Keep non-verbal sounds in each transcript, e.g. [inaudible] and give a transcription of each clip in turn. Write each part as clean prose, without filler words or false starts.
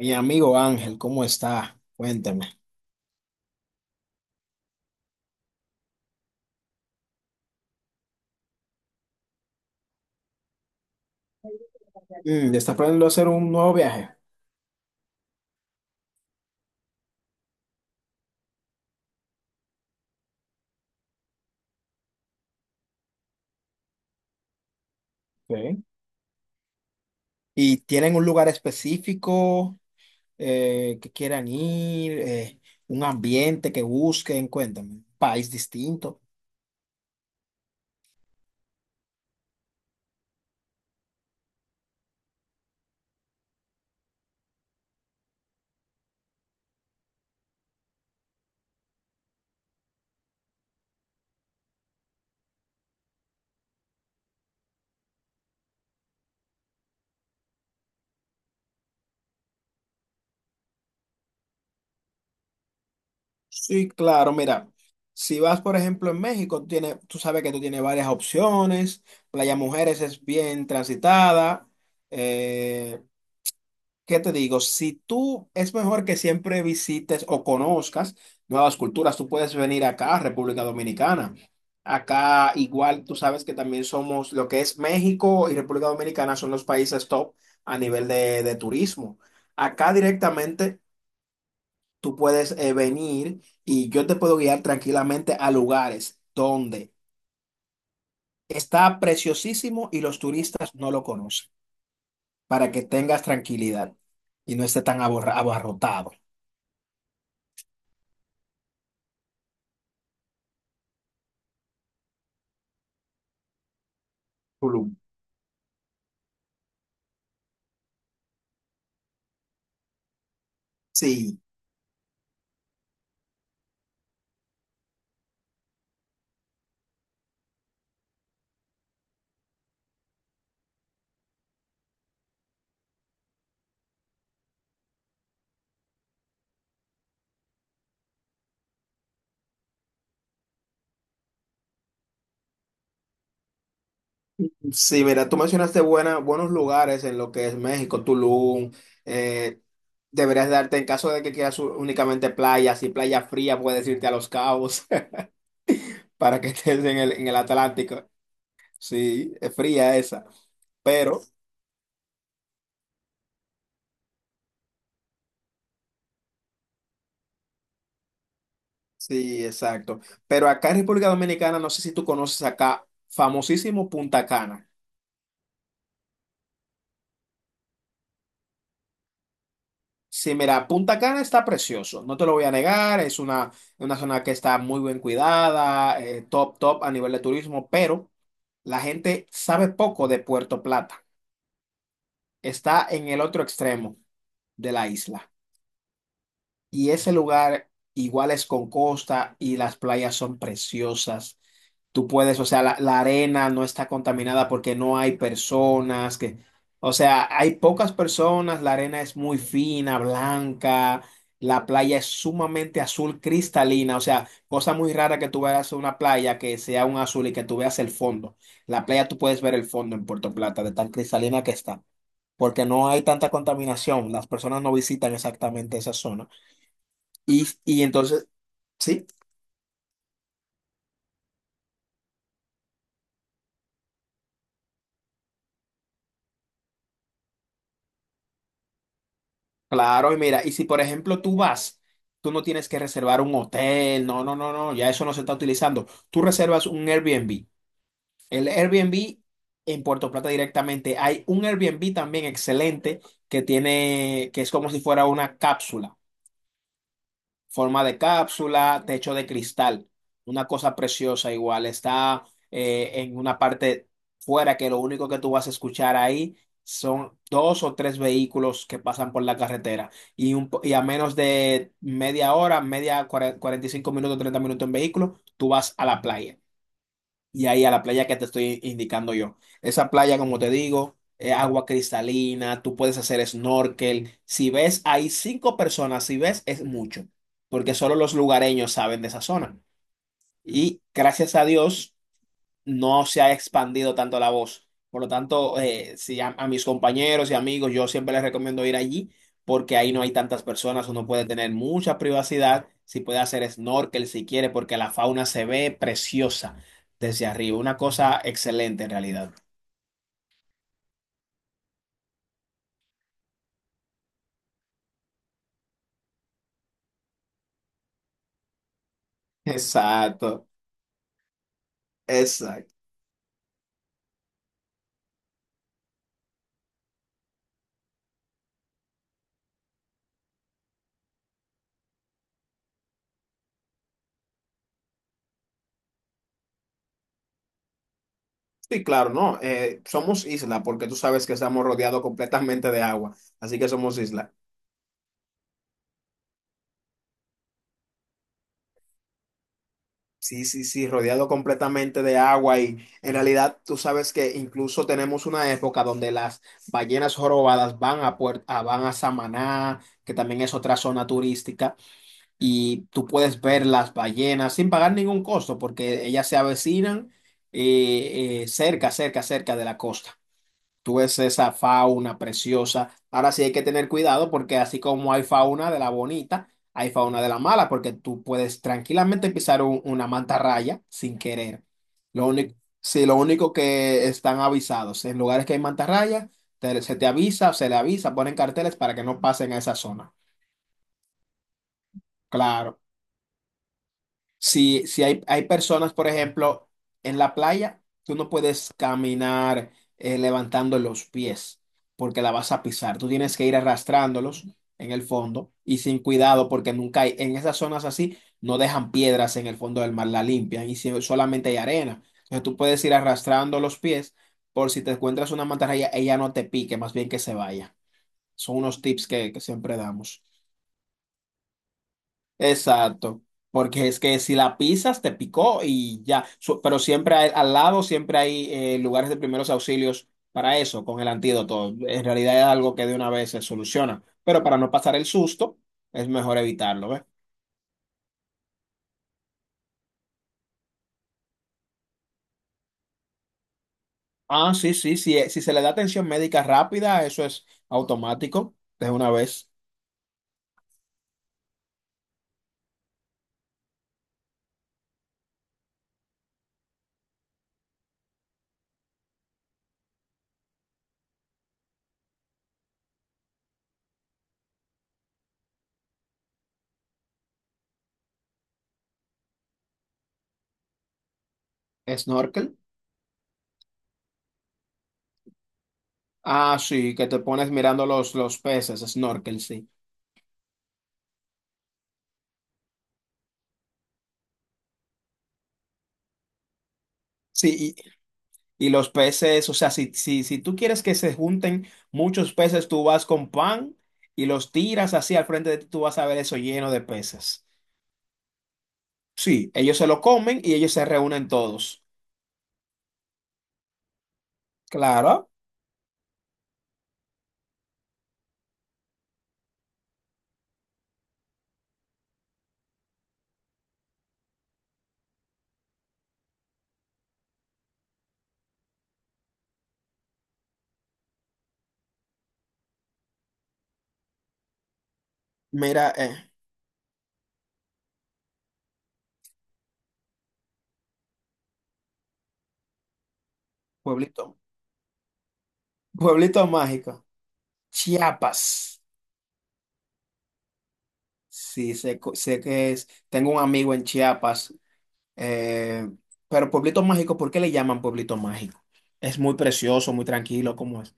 Mi amigo Ángel, ¿cómo está? Cuénteme. ¿Ya está planeando hacer un nuevo viaje? Ok. ¿Y tienen un lugar específico que quieran ir? ¿Un ambiente que busquen? Cuéntame. ¿País distinto? Sí, claro, mira, si vas, por ejemplo, en México, tiene, tú sabes que tú tienes varias opciones, Playa Mujeres es bien transitada, eh, ¿qué te digo? Si tú, es mejor que siempre visites o conozcas nuevas culturas, tú puedes venir acá a República Dominicana. Acá igual tú sabes que también somos, lo que es México y República Dominicana son los países top a nivel de turismo. Acá directamente tú puedes venir y yo te puedo guiar tranquilamente a lugares donde está preciosísimo y los turistas no lo conocen, para que tengas tranquilidad y no esté tan abarrotado. Tulum. Sí, sí, mira, tú mencionaste buenos lugares en lo que es México, Tulum. eh, deberías darte, en caso de que quieras únicamente playas y playa fría, puedes irte a Los Cabos [laughs] para que estés en en el Atlántico. Sí, es fría esa. Pero sí, exacto. Pero acá en República Dominicana, no sé si tú conoces acá, famosísimo Punta Cana. Sí, mira, Punta Cana está precioso, no te lo voy a negar, es una zona que está muy bien cuidada, top, top a nivel de turismo, pero la gente sabe poco de Puerto Plata. Está en el otro extremo de la isla. Y ese lugar igual es con costa y las playas son preciosas. Tú puedes, o sea, la arena no está contaminada porque no hay personas que, o sea, hay pocas personas, la arena es muy fina, blanca, la playa es sumamente azul cristalina, o sea, cosa muy rara que tú veas una playa que sea un azul y que tú veas el fondo. La playa tú puedes ver el fondo en Puerto Plata, de tan cristalina que está, porque no hay tanta contaminación, las personas no visitan exactamente esa zona. Y entonces, sí, claro, y mira, y si por ejemplo tú vas, tú no tienes que reservar un hotel, no, no, no, no, ya eso no se está utilizando. Tú reservas un Airbnb. El Airbnb en Puerto Plata directamente, hay un Airbnb también excelente que tiene, que es como si fuera una cápsula. Forma de cápsula, techo de cristal, una cosa preciosa igual. Está en una parte fuera que lo único que tú vas a escuchar ahí son dos o tres vehículos que pasan por la carretera y, y a menos de media hora, media 45 minutos, 30 minutos en vehículo, tú vas a la playa y ahí a la playa que te estoy indicando yo. Esa playa, como te digo, es agua cristalina, tú puedes hacer snorkel. Si ves, hay cinco personas, si ves, es mucho, porque solo los lugareños saben de esa zona. Y gracias a Dios no se ha expandido tanto la voz. Por lo tanto, si a mis compañeros y amigos, yo siempre les recomiendo ir allí porque ahí no hay tantas personas, uno puede tener mucha privacidad, si puede hacer snorkel si quiere, porque la fauna se ve preciosa desde arriba, una cosa excelente en realidad. Exacto, exacto. Sí, claro, no, somos isla porque tú sabes que estamos rodeados completamente de agua, así que somos isla. Sí, sí, sí, rodeado completamente de agua y en realidad tú sabes que incluso tenemos una época donde las ballenas jorobadas van a, van a Samaná, que también es otra zona turística, y tú puedes ver las ballenas sin pagar ningún costo porque ellas se avecinan cerca, cerca, cerca de la costa. Tú ves esa fauna preciosa. Ahora sí hay que tener cuidado porque así como hay fauna de la bonita, hay fauna de la mala, porque tú puedes tranquilamente pisar una mantarraya sin querer. Lo único, sí, lo único que están avisados, en lugares que hay mantarraya, se te avisa, se le avisa, ponen carteles para que no pasen a esa zona. Claro. Si hay, hay personas, por ejemplo, en la playa, tú no puedes caminar levantando los pies porque la vas a pisar. Tú tienes que ir arrastrándolos en el fondo y sin cuidado porque nunca hay, en esas zonas así, no dejan piedras en el fondo del mar, la limpian y solamente hay arena. Entonces tú puedes ir arrastrando los pies por si te encuentras una mantarraya, ella no te pique, más bien que se vaya. Son unos tips que siempre damos. Exacto, porque es que si la pisas te picó y ya, pero siempre al lado siempre hay lugares de primeros auxilios para eso, con el antídoto. En realidad es algo que de una vez se soluciona, pero para no pasar el susto es mejor evitarlo, ¿ves? Ah, sí, sí, sí, si se le da atención médica rápida, eso es automático, de una vez. ¿Snorkel? Ah, sí, que te pones mirando los peces, snorkel, sí. Sí, y los peces, o sea, si, si, si tú quieres que se junten muchos peces, tú vas con pan y los tiras así al frente de ti, tú vas a ver eso lleno de peces. Sí, ellos se lo comen y ellos se reúnen todos. Claro, mira, pueblito, pueblito mágico, Chiapas. Sí, sé, sé que es, tengo un amigo en Chiapas, eh, pero pueblito mágico, ¿por qué le llaman pueblito mágico? Es muy precioso, muy tranquilo, ¿cómo es?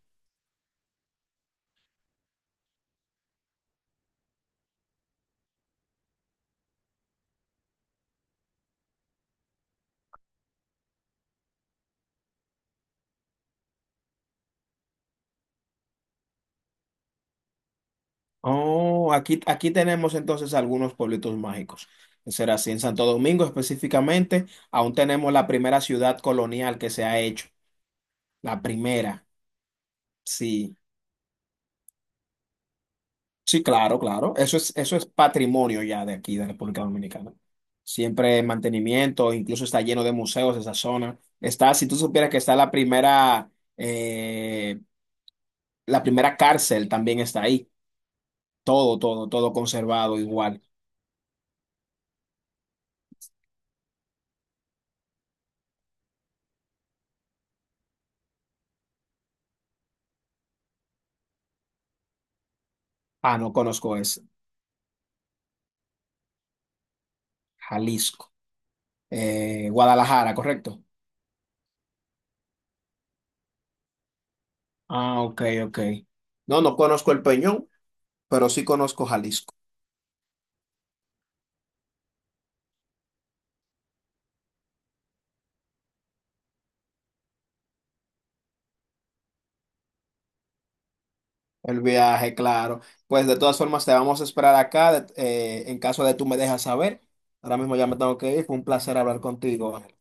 Oh, aquí, aquí tenemos entonces algunos pueblitos mágicos. Será así, en Santo Domingo específicamente, aún tenemos la primera ciudad colonial que se ha hecho. La primera, sí. Sí, claro, claro. Eso es patrimonio ya de aquí, de República Dominicana. Siempre mantenimiento, incluso está lleno de museos esa zona. Está, si tú supieras que está eh, la primera cárcel también está ahí. Todo, todo, todo conservado igual. Ah, no conozco ese. Jalisco. Guadalajara, ¿correcto? Ah, ok, ok. No, no conozco el Peñón, pero sí conozco Jalisco. El viaje, claro. Pues de todas formas, te vamos a esperar acá en caso de tú me dejas saber. Ahora mismo ya me tengo que ir. Fue un placer hablar contigo. Ángel.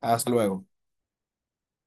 Hasta luego.